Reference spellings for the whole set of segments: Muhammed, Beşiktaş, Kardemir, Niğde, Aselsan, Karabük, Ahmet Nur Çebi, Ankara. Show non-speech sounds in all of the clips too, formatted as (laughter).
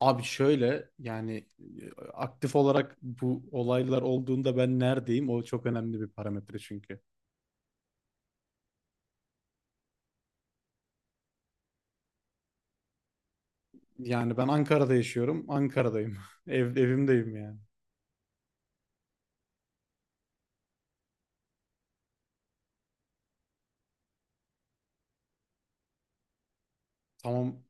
Abi şöyle yani aktif olarak bu olaylar olduğunda ben neredeyim? O çok önemli bir parametre çünkü. Yani ben Ankara'da yaşıyorum. Ankara'dayım. (laughs) Evimdeyim yani. Tamam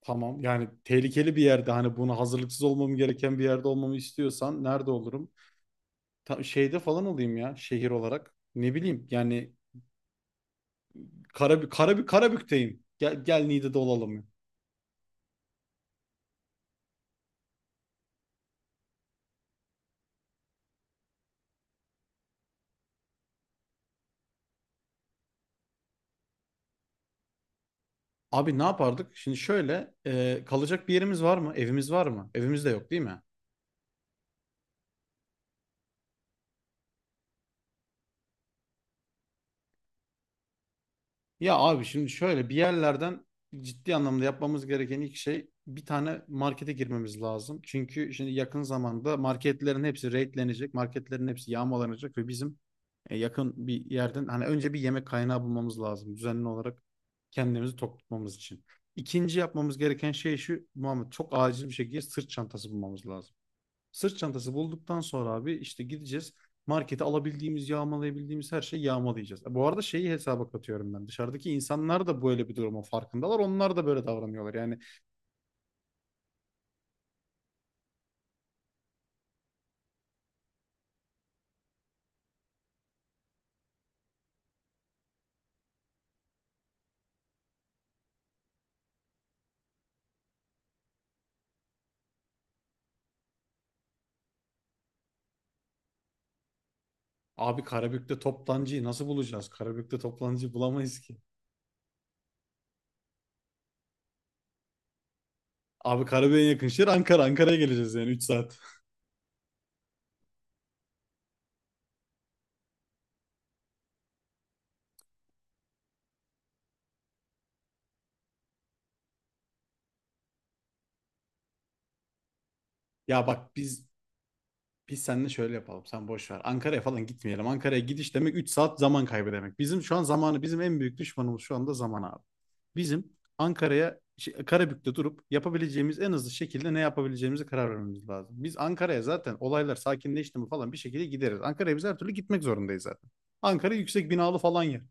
tamam. Yani tehlikeli bir yerde hani buna hazırlıksız olmam gereken bir yerde olmamı istiyorsan nerede olurum? Şeyde falan olayım ya şehir olarak. Ne bileyim yani Karabük'teyim. Gel Niğde'de olalım ya. Abi ne yapardık? Şimdi şöyle kalacak bir yerimiz var mı? Evimiz var mı? Evimiz de yok değil mi? Ya abi şimdi şöyle bir yerlerden ciddi anlamda yapmamız gereken ilk şey bir tane markete girmemiz lazım. Çünkü şimdi yakın zamanda marketlerin hepsi raidlenecek, marketlerin hepsi yağmalanacak ve bizim yakın bir yerden hani önce bir yemek kaynağı bulmamız lazım düzenli olarak kendimizi tok tutmamız için. İkinci yapmamız gereken şey şu, Muhammed, çok acil bir şekilde sırt çantası bulmamız lazım. Sırt çantası bulduktan sonra abi işte gideceğiz. Markete alabildiğimiz, yağmalayabildiğimiz her şeyi yağmalayacağız. Bu arada şeyi hesaba katıyorum ben. Dışarıdaki insanlar da böyle bir durumun farkındalar. Onlar da böyle davranıyorlar. Yani abi Karabük'te toptancıyı nasıl bulacağız? Karabük'te toplancı bulamayız ki. Abi Karabük'e en yakın şehir Ankara. Ankara'ya geleceğiz yani 3 saat. Ya bak, biz seninle şöyle yapalım. Sen boş ver. Ankara'ya falan gitmeyelim. Ankara'ya gidiş demek 3 saat zaman kaybı demek. Bizim şu an zamanı bizim en büyük düşmanımız şu anda zaman abi. Bizim Ankara'ya Karabük'te durup yapabileceğimiz en hızlı şekilde ne yapabileceğimize karar vermemiz lazım. Biz Ankara'ya zaten olaylar sakinleşti mi falan bir şekilde gideriz. Ankara'ya biz her türlü gitmek zorundayız zaten. Ankara yüksek binalı falan yer.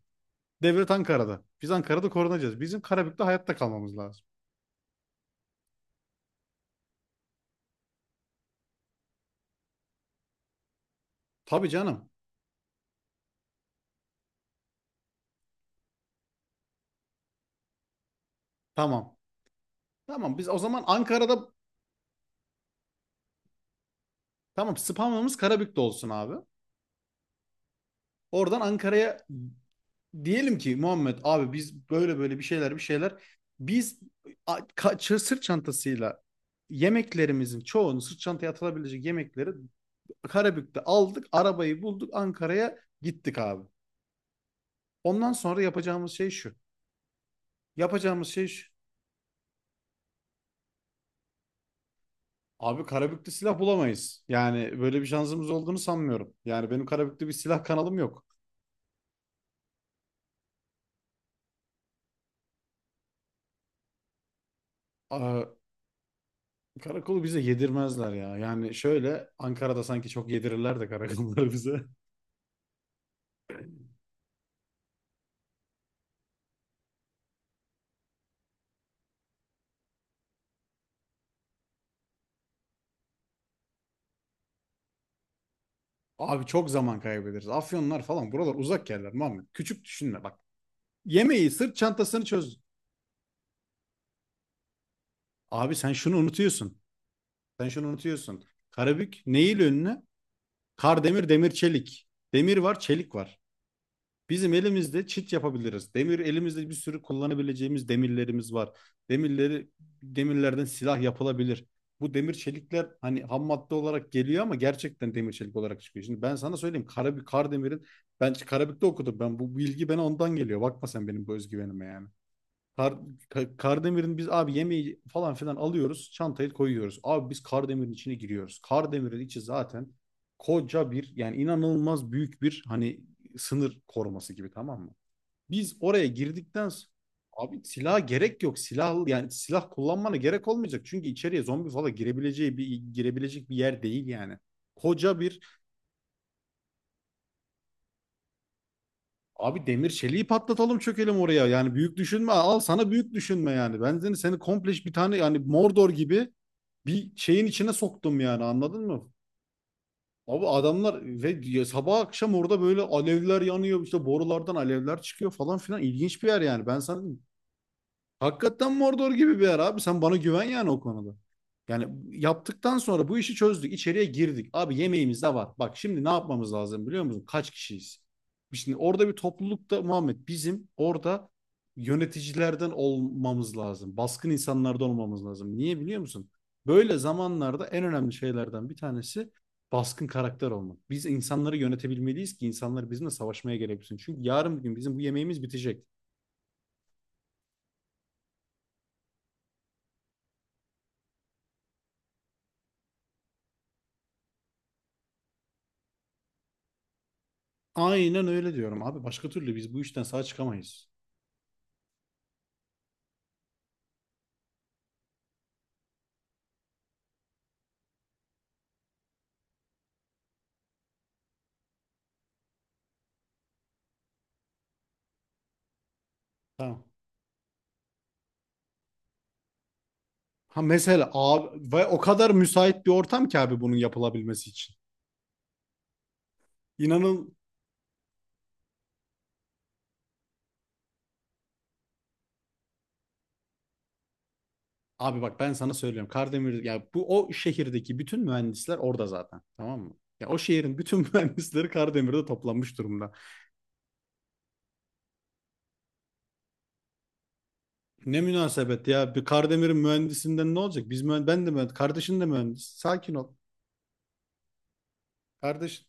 Devlet Ankara'da. Biz Ankara'da korunacağız. Bizim Karabük'te hayatta kalmamız lazım. Tabii canım. Tamam. Tamam biz o zaman Ankara'da tamam, spamımız Karabük'te olsun abi. Oradan Ankara'ya diyelim ki Muhammed, abi biz böyle böyle bir şeyler, biz sırt çantasıyla yemeklerimizin çoğunu sırt çantaya atılabilecek yemekleri Karabük'te aldık, arabayı bulduk, Ankara'ya gittik abi. Ondan sonra yapacağımız şey şu. Yapacağımız şey şu. Abi Karabük'te silah bulamayız. Yani böyle bir şansımız olduğunu sanmıyorum. Yani benim Karabük'te bir silah kanalım yok. Aa, Karakolu bize yedirmezler ya. Yani şöyle Ankara'da sanki çok yedirirler de karakolları bize. Abi çok zaman kaybederiz. Afyonlar falan buralar uzak yerler Muhammed. Küçük düşünme bak. Yemeği, sırt çantasını çöz. Abi sen şunu unutuyorsun. Sen şunu unutuyorsun. Karabük neyin önüne? Kar, demir, çelik. Demir var, çelik var. Bizim elimizde çit yapabiliriz. Demir elimizde bir sürü kullanabileceğimiz demirlerimiz var. Demirleri demirlerden silah yapılabilir. Bu demir çelikler hani ham madde olarak geliyor ama gerçekten demir çelik olarak çıkıyor. Şimdi ben sana söyleyeyim Karabük Kardemir'in, ben Karabük'te okudum, ben bu bilgi bana ondan geliyor. Bakma sen benim bu özgüvenime yani. Kar, Kardemir'in biz abi yemeği falan filan alıyoruz. Çantayı koyuyoruz. Abi biz Kardemir'in içine giriyoruz. Kardemir'in içi zaten koca bir, yani inanılmaz büyük bir, hani sınır koruması gibi, tamam mı? Biz oraya girdikten sonra abi silaha gerek yok. Silah, yani silah kullanmana gerek olmayacak. Çünkü içeriye zombi falan girebileceği bir girebilecek bir yer değil yani. Koca bir abi demir çeliği patlatalım çökelim oraya. Yani büyük düşünme, al sana büyük düşünme yani. Ben seni komple bir tane yani Mordor gibi bir şeyin içine soktum yani, anladın mı? Abi adamlar ve ya sabah akşam orada böyle alevler yanıyor, işte borulardan alevler çıkıyor falan filan, ilginç bir yer yani. Ben sana hakikaten Mordor gibi bir yer abi. Sen bana güven yani o konuda. Yani yaptıktan sonra bu işi çözdük, içeriye girdik. Abi yemeğimiz de var. Bak şimdi ne yapmamız lazım biliyor musun? Kaç kişiyiz? Şimdi orada bir toplulukta Muhammed bizim orada yöneticilerden olmamız lazım. Baskın insanlardan olmamız lazım. Niye biliyor musun? Böyle zamanlarda en önemli şeylerden bir tanesi baskın karakter olmak. Biz insanları yönetebilmeliyiz ki insanlar bizimle savaşmaya gereksin. Çünkü yarın bir gün bizim bu yemeğimiz bitecek. Aynen öyle diyorum abi. Başka türlü biz bu işten sağ çıkamayız. Tamam. Ha mesela abi, ve o kadar müsait bir ortam ki abi bunun yapılabilmesi için. İnanın abi bak, ben sana söylüyorum. Kardemir ya, bu o şehirdeki bütün mühendisler orada zaten. Tamam mı? Ya o şehrin bütün (laughs) mühendisleri Kardemir'de toplanmış durumda. Ne münasebet ya, bir Kardemir'in mühendisinden ne olacak? Biz ben de mühendis, kardeşin de mühendis. Sakin ol. Kardeş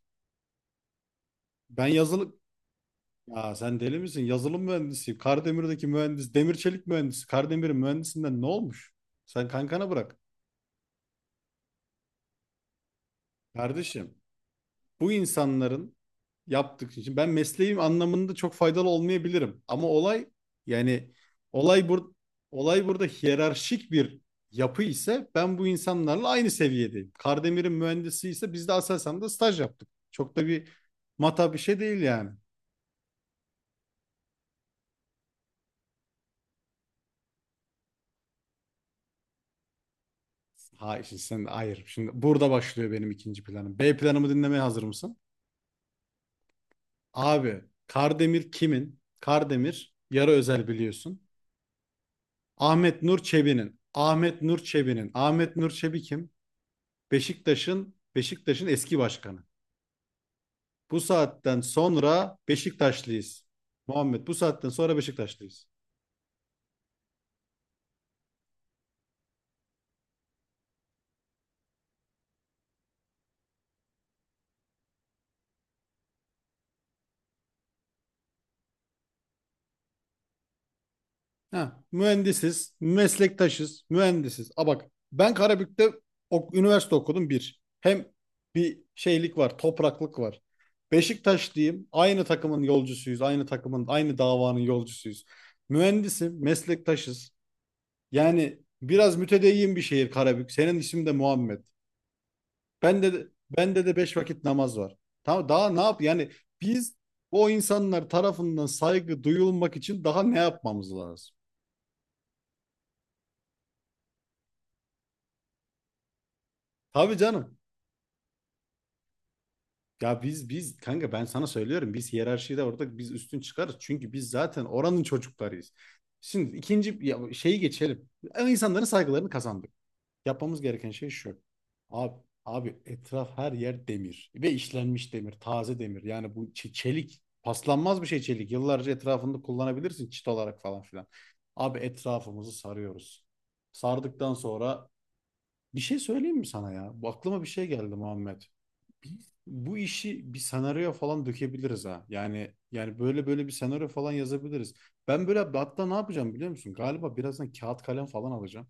ben yazılı Ya sen deli misin? Yazılım mühendisiyim. Kardemir'deki mühendis, demir çelik mühendisi. Kardemir'in mühendisinden ne olmuş? Sen kankana bırak. Kardeşim, bu insanların yaptık için ben mesleğim anlamında çok faydalı olmayabilirim. Ama olay, yani, olay bur, olay burada hiyerarşik bir yapı ise ben bu insanlarla aynı seviyedeyim. Kardemir'in mühendisi ise biz de Aselsan'da staj yaptık. Çok da bir mata bir şey değil yani. Hayır. Şimdi burada başlıyor benim ikinci planım. B planımı dinlemeye hazır mısın? Abi Kardemir kimin? Kardemir yarı özel biliyorsun. Ahmet Nur Çebi'nin. Ahmet Nur Çebi kim? Beşiktaş'ın eski başkanı. Bu saatten sonra Beşiktaşlıyız. Muhammed bu saatten sonra Beşiktaşlıyız. Mühendisiz. A bak ben Karabük'te üniversite okudum bir. Hem bir şeylik var, topraklık var. Beşiktaşlıyım, aynı takımın, aynı davanın yolcusuyuz. Mühendisim, meslektaşız. Yani biraz mütedeyyin bir şehir Karabük. Senin ismin de Muhammed. Bende de, bende de beş vakit namaz var. Tamam, daha ne yap? Yani biz o insanlar tarafından saygı duyulmak için daha ne yapmamız lazım? Tabii canım. Ya biz kanka ben sana söylüyorum biz hiyerarşide orada biz üstün çıkarız. Çünkü biz zaten oranın çocuklarıyız. Şimdi şeyi geçelim. Yani İnsanların saygılarını kazandık. Yapmamız gereken şey şu. Abi, abi etraf her yer demir ve işlenmiş demir, taze demir. Yani bu çelik paslanmaz bir şey çelik. Yıllarca etrafında kullanabilirsin çit olarak falan filan. Abi etrafımızı sarıyoruz. Sardıktan sonra bir şey söyleyeyim mi sana ya? Bu aklıma bir şey geldi Muhammed. Biz bu işi bir senaryoya falan dökebiliriz ha. Yani böyle böyle bir senaryo falan yazabiliriz. Ben böyle hatta ne yapacağım biliyor musun? Galiba birazdan kağıt kalem falan alacağım.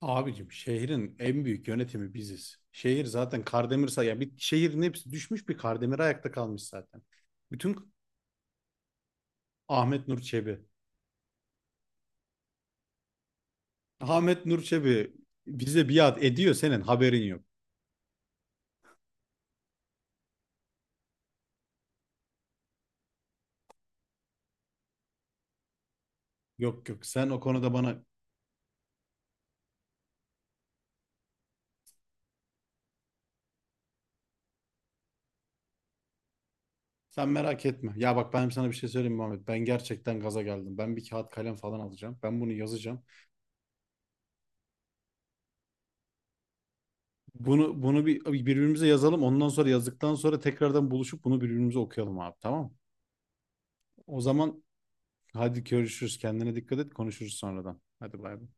Abicim şehrin en büyük yönetimi biziz. Şehir zaten Kardemirsa ya, bir şehrin hepsi düşmüş bir Kardemir ayakta kalmış zaten. Bütün Ahmet Nur Çebi. Ahmet Nur Çebi bize biat ediyor, senin haberin yok. Yok yok, sen o konuda bana sen merak etme. Ya bak ben sana bir şey söyleyeyim mi Muhammed. Ben gerçekten gaza geldim. Ben bir kağıt kalem falan alacağım. Ben bunu yazacağım. Bunu bir birbirimize yazalım. Ondan sonra yazdıktan sonra tekrardan buluşup bunu birbirimize okuyalım abi, tamam mı? O zaman hadi görüşürüz. Kendine dikkat et. Konuşuruz sonradan. Hadi bay bay.